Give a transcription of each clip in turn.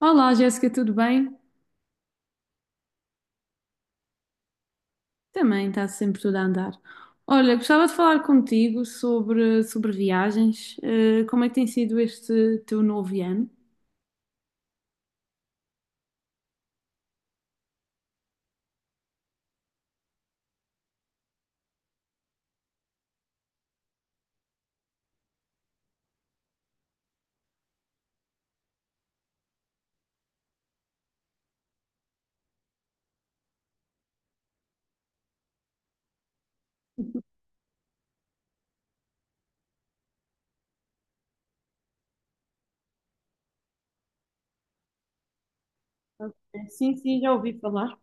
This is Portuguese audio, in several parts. Olá, Jéssica, tudo bem? Também está sempre tudo a andar. Olha, gostava de falar contigo sobre viagens. Como é que tem sido este teu novo ano? Sim, sim, já ouvi falar.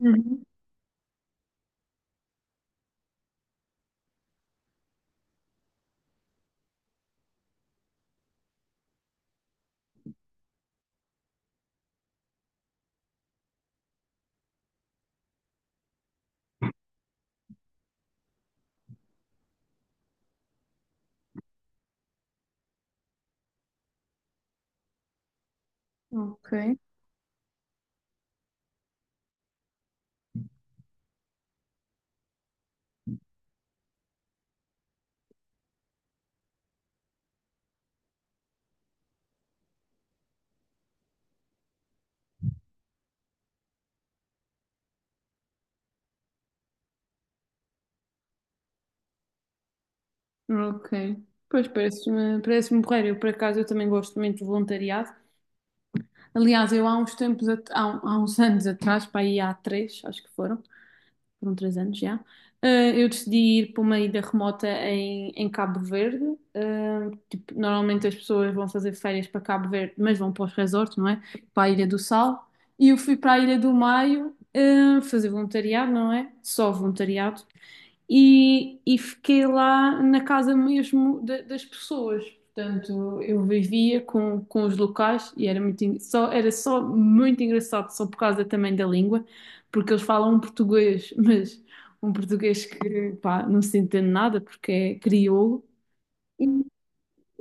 Uhum. Ok. Ok. Pois parece-me porreiro. Eu, por acaso, eu também gosto muito de voluntariado. Aliás, eu há uns tempos, há, há uns anos atrás, para aí há três, acho que foram 3 anos já. Eu decidi ir para uma ilha remota em Cabo Verde. Tipo, normalmente as pessoas vão fazer férias para Cabo Verde, mas vão para os resorts, não é? Para a Ilha do Sal. E eu fui para a Ilha do Maio, fazer voluntariado, não é? Só voluntariado. E fiquei lá na casa mesmo das pessoas. Portanto, eu vivia com os locais e era era só muito engraçado, só por causa também da língua porque eles falam um português, mas um português que, pá, não se entende nada porque é crioulo. e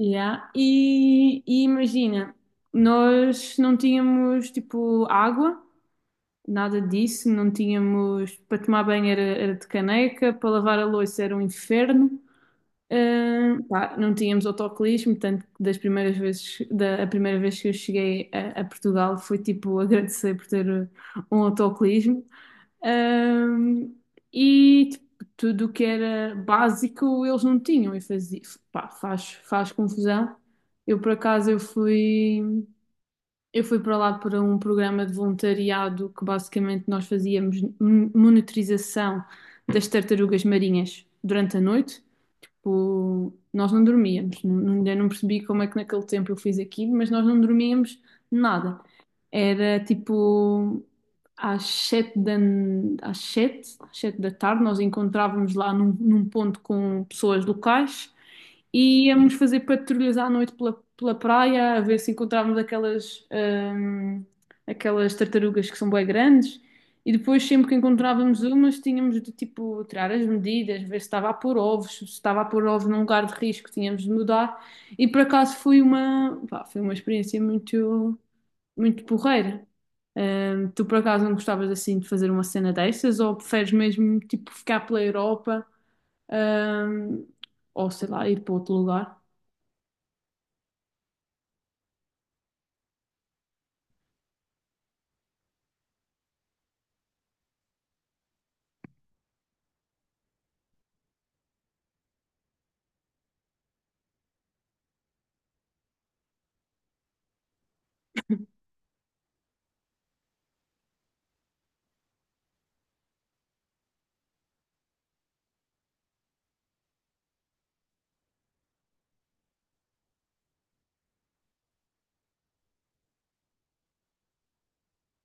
Yeah. E imagina, nós não tínhamos tipo água, nada disso, não tínhamos para tomar banho era de caneca, para lavar a louça era um inferno. Pá, não tínhamos autocolismo, tanto que das primeiras vezes, a primeira vez que eu cheguei a Portugal foi tipo agradecer por ter um autocolismo. Ahm, e tipo, tudo o que era básico eles não tinham e faz confusão. Eu por acaso eu fui, Eu fui para lá para um programa de voluntariado que basicamente nós fazíamos monitorização das tartarugas marinhas durante a noite. Tipo, nós não dormíamos. Ainda não percebi como é que naquele tempo eu fiz aquilo, mas nós não dormíamos nada. Era tipo às sete da, às sete da tarde, nós encontrávamos lá num ponto com pessoas locais e íamos fazer patrulhas à noite pela praia, a ver se encontrávamos aquelas tartarugas que são bem grandes. E depois, sempre que encontrávamos umas, tínhamos de tipo tirar as medidas, ver se estava a pôr ovos, se estava a pôr ovos num lugar de risco, tínhamos de mudar. E por acaso foi foi uma experiência muito, muito porreira. Tu por acaso não gostavas assim de fazer uma cena dessas ou preferes mesmo tipo ficar pela Europa, ahm, ou sei lá, ir para outro lugar?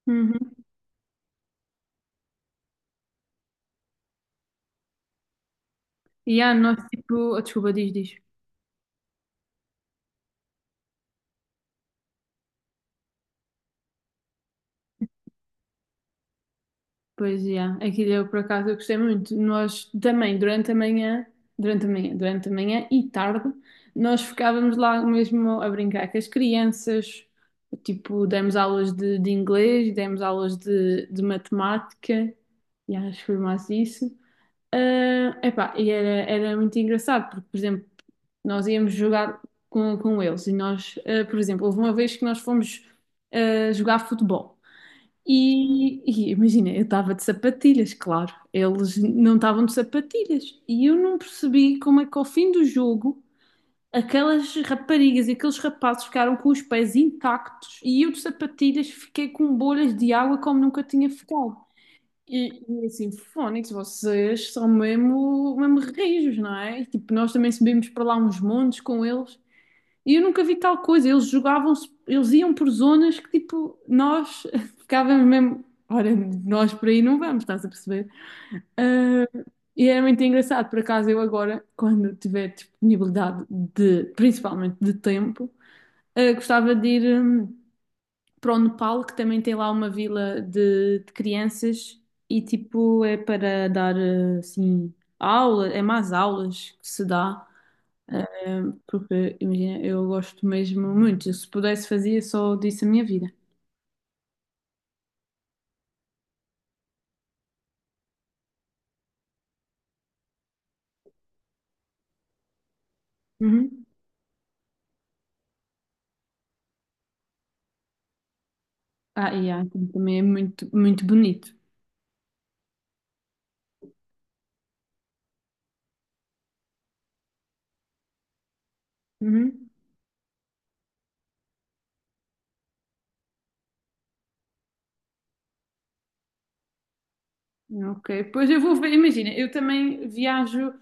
Uhum. E nós tipo, desculpa, diz, diz. Pois, já. Aquilo eu, por acaso, eu gostei muito. Nós também, durante a manhã e tarde, nós ficávamos lá mesmo a brincar com as crianças. Tipo, demos aulas de inglês, demos aulas de matemática, e acho que foi mais isso. Epá, e era muito engraçado, porque, por exemplo, nós íamos jogar com eles e nós, por exemplo, houve uma vez que nós fomos jogar futebol. E, e imagina, eu estava de sapatilhas, claro. Eles não estavam de sapatilhas. E eu não percebi como é que ao fim do jogo aquelas raparigas e aqueles rapazes ficaram com os pés intactos e eu de sapatilhas fiquei com bolhas de água como nunca tinha ficado. E é assim, fónix, vocês são mesmo, mesmo rijos, não é? E, tipo, nós também subimos para lá uns montes com eles e eu nunca vi tal coisa. Eles iam por zonas que tipo, nós ficávamos mesmo. Ora, nós por aí não vamos, estás a perceber? Ah, e era muito engraçado, por acaso eu agora, quando tiver disponibilidade de, principalmente de tempo, gostava de ir para o Nepal, que também tem lá uma vila de crianças e tipo é para dar assim aula, é mais aulas que se dá. Porque, imagina, eu gosto mesmo muito. Se pudesse fazia só disso a minha vida. Uhum. E há, então, também é muito, muito bonito. Uhum. Ok, pois eu vou ver, imagina, eu também viajo,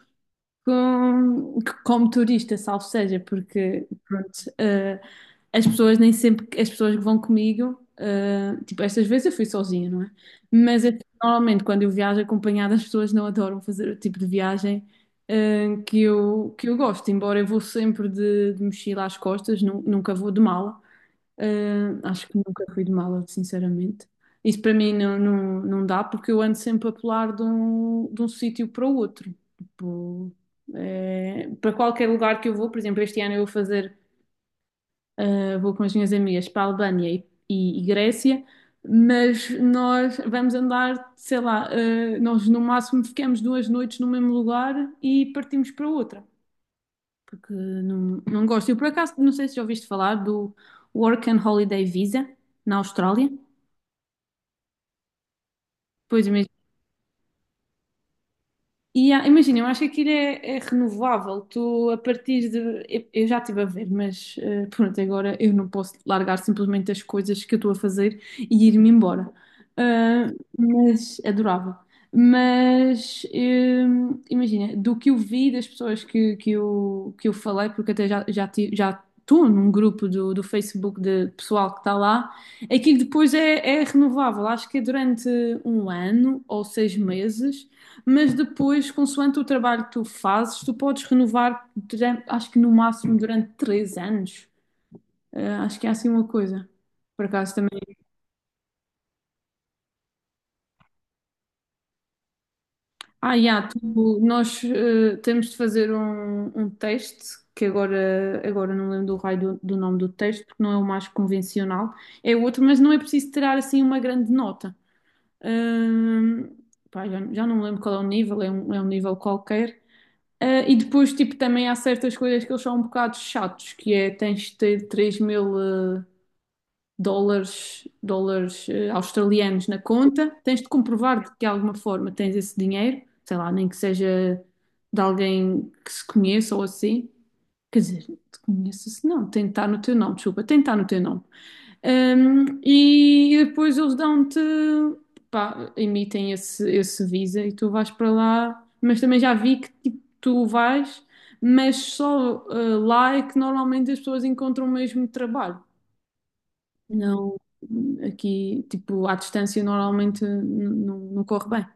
com- como turista, salvo seja, porque pronto, eh, as pessoas nem sempre, as pessoas que vão comigo, tipo, estas vezes eu fui sozinha, não é? Mas é que, normalmente quando eu viajo acompanhada, as pessoas não adoram fazer o tipo de viagem, que eu gosto, embora eu vou sempre de mochila às costas, nunca vou de mala. Acho que nunca fui de mala, sinceramente. Isso para mim não, não, não dá, porque eu ando sempre a pular de um sítio para o outro. Tipo, para qualquer lugar que eu vou, por exemplo, este ano eu vou fazer, vou com as minhas amigas para a Albânia e Grécia, mas nós vamos andar, sei lá, nós no máximo ficamos 2 noites no mesmo lugar e partimos para outra porque não gosto. Eu por acaso não sei se já ouviste falar do Work and Holiday Visa na Austrália. Pois. Imagina, eu acho que aquilo é renovável. Tu, a partir de. Eu já estive a ver, mas pronto, agora eu não posso largar simplesmente as coisas que eu estou a fazer e ir-me embora. Ah, mas adorava. Mas imagina, do que eu vi das pessoas que eu falei, porque até já estou num grupo do Facebook de pessoal que está lá, aquilo depois é renovável. Acho que é durante 1 ano ou 6 meses, mas depois, consoante o trabalho que tu fazes, tu podes renovar, acho que no máximo durante 3 anos. Acho que é assim uma coisa. Por acaso também. Yeah, nós temos de fazer um teste, que agora não lembro do raio do nome do teste, porque não é o mais convencional. É o outro, mas não é preciso tirar assim uma grande nota. Hum, Pá, já não me lembro qual é o nível, é um nível qualquer. E depois, tipo, também há certas coisas que eles são um bocado chatos, que é tens de ter 3.000 dólares, australianos na conta, tens de comprovar de que de alguma forma tens esse dinheiro, sei lá, nem que seja de alguém que se conheça ou assim. Quer dizer, te conheça-se, não, tem de estar no teu nome, desculpa, tem de estar no teu nome. E depois eles dão-te, pá, emitem esse visa e tu vais para lá. Mas também já vi que tipo, tu vais, mas só lá é que normalmente as pessoas encontram o mesmo trabalho. Não, aqui, tipo, à distância normalmente não corre bem.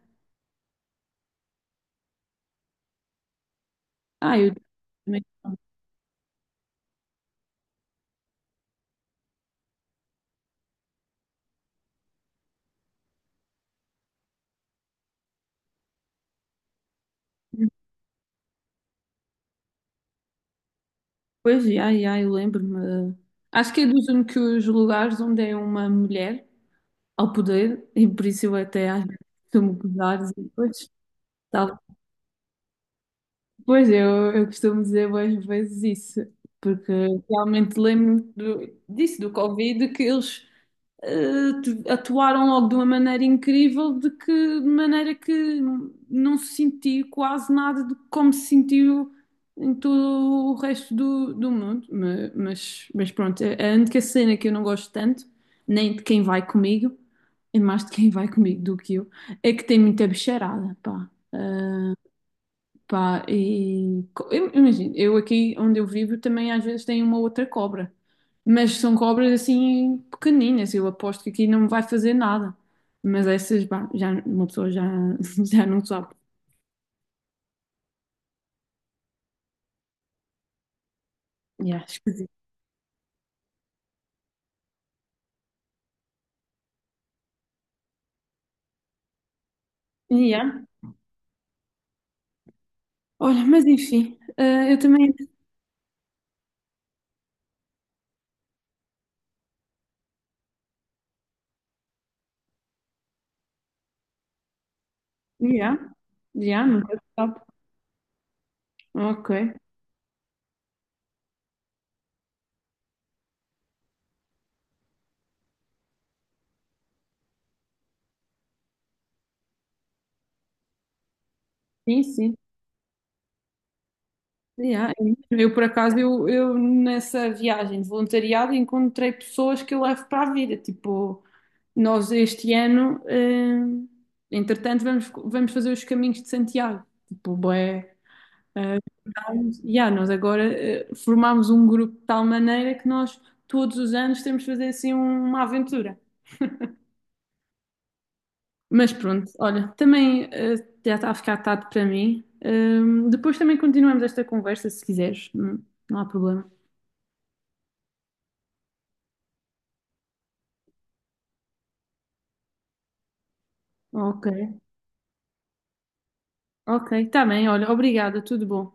Eu também. Pois, já, eu lembro-me. Acho que é dos únicos lugares onde é uma mulher ao poder, e por isso eu até acho que me gozar. Tal. Pois eu costumo dizer várias vezes isso, porque realmente lembro disso, do Covid, que eles atuaram logo de uma maneira incrível, de que de maneira que não se sentiu quase nada de como se sentiu em todo o resto do mundo. Mas pronto, é a única cena que eu não gosto tanto, nem de quem vai comigo, é mais de quem vai comigo do que eu, é que tem muita bicharada, pá. Pá, e imagina, eu aqui onde eu vivo também às vezes tem uma outra cobra, mas são cobras assim pequeninas, eu aposto que aqui não vai fazer nada. Mas essas, pá, já, uma pessoa já, já não sabe. Yeah, esquisito. Yeah. Olha, mas enfim, eu também. Yeah, yeah, nunca se sabe. Ok, sim, sim. Yeah, é mesmo. Eu, por acaso, eu nessa viagem de voluntariado encontrei pessoas que eu levo para a vida. Tipo, nós este ano, entretanto, vamos fazer os caminhos de Santiago. Tipo, bué, eh, yeah, nós agora formámos um grupo de tal maneira que nós todos os anos temos de fazer assim uma aventura. Mas pronto, olha, também já está a ficar tarde para mim. Depois também continuamos esta conversa se quiseres, não, não há problema. Ok. Ok, está bem, olha, obrigada, tudo bom.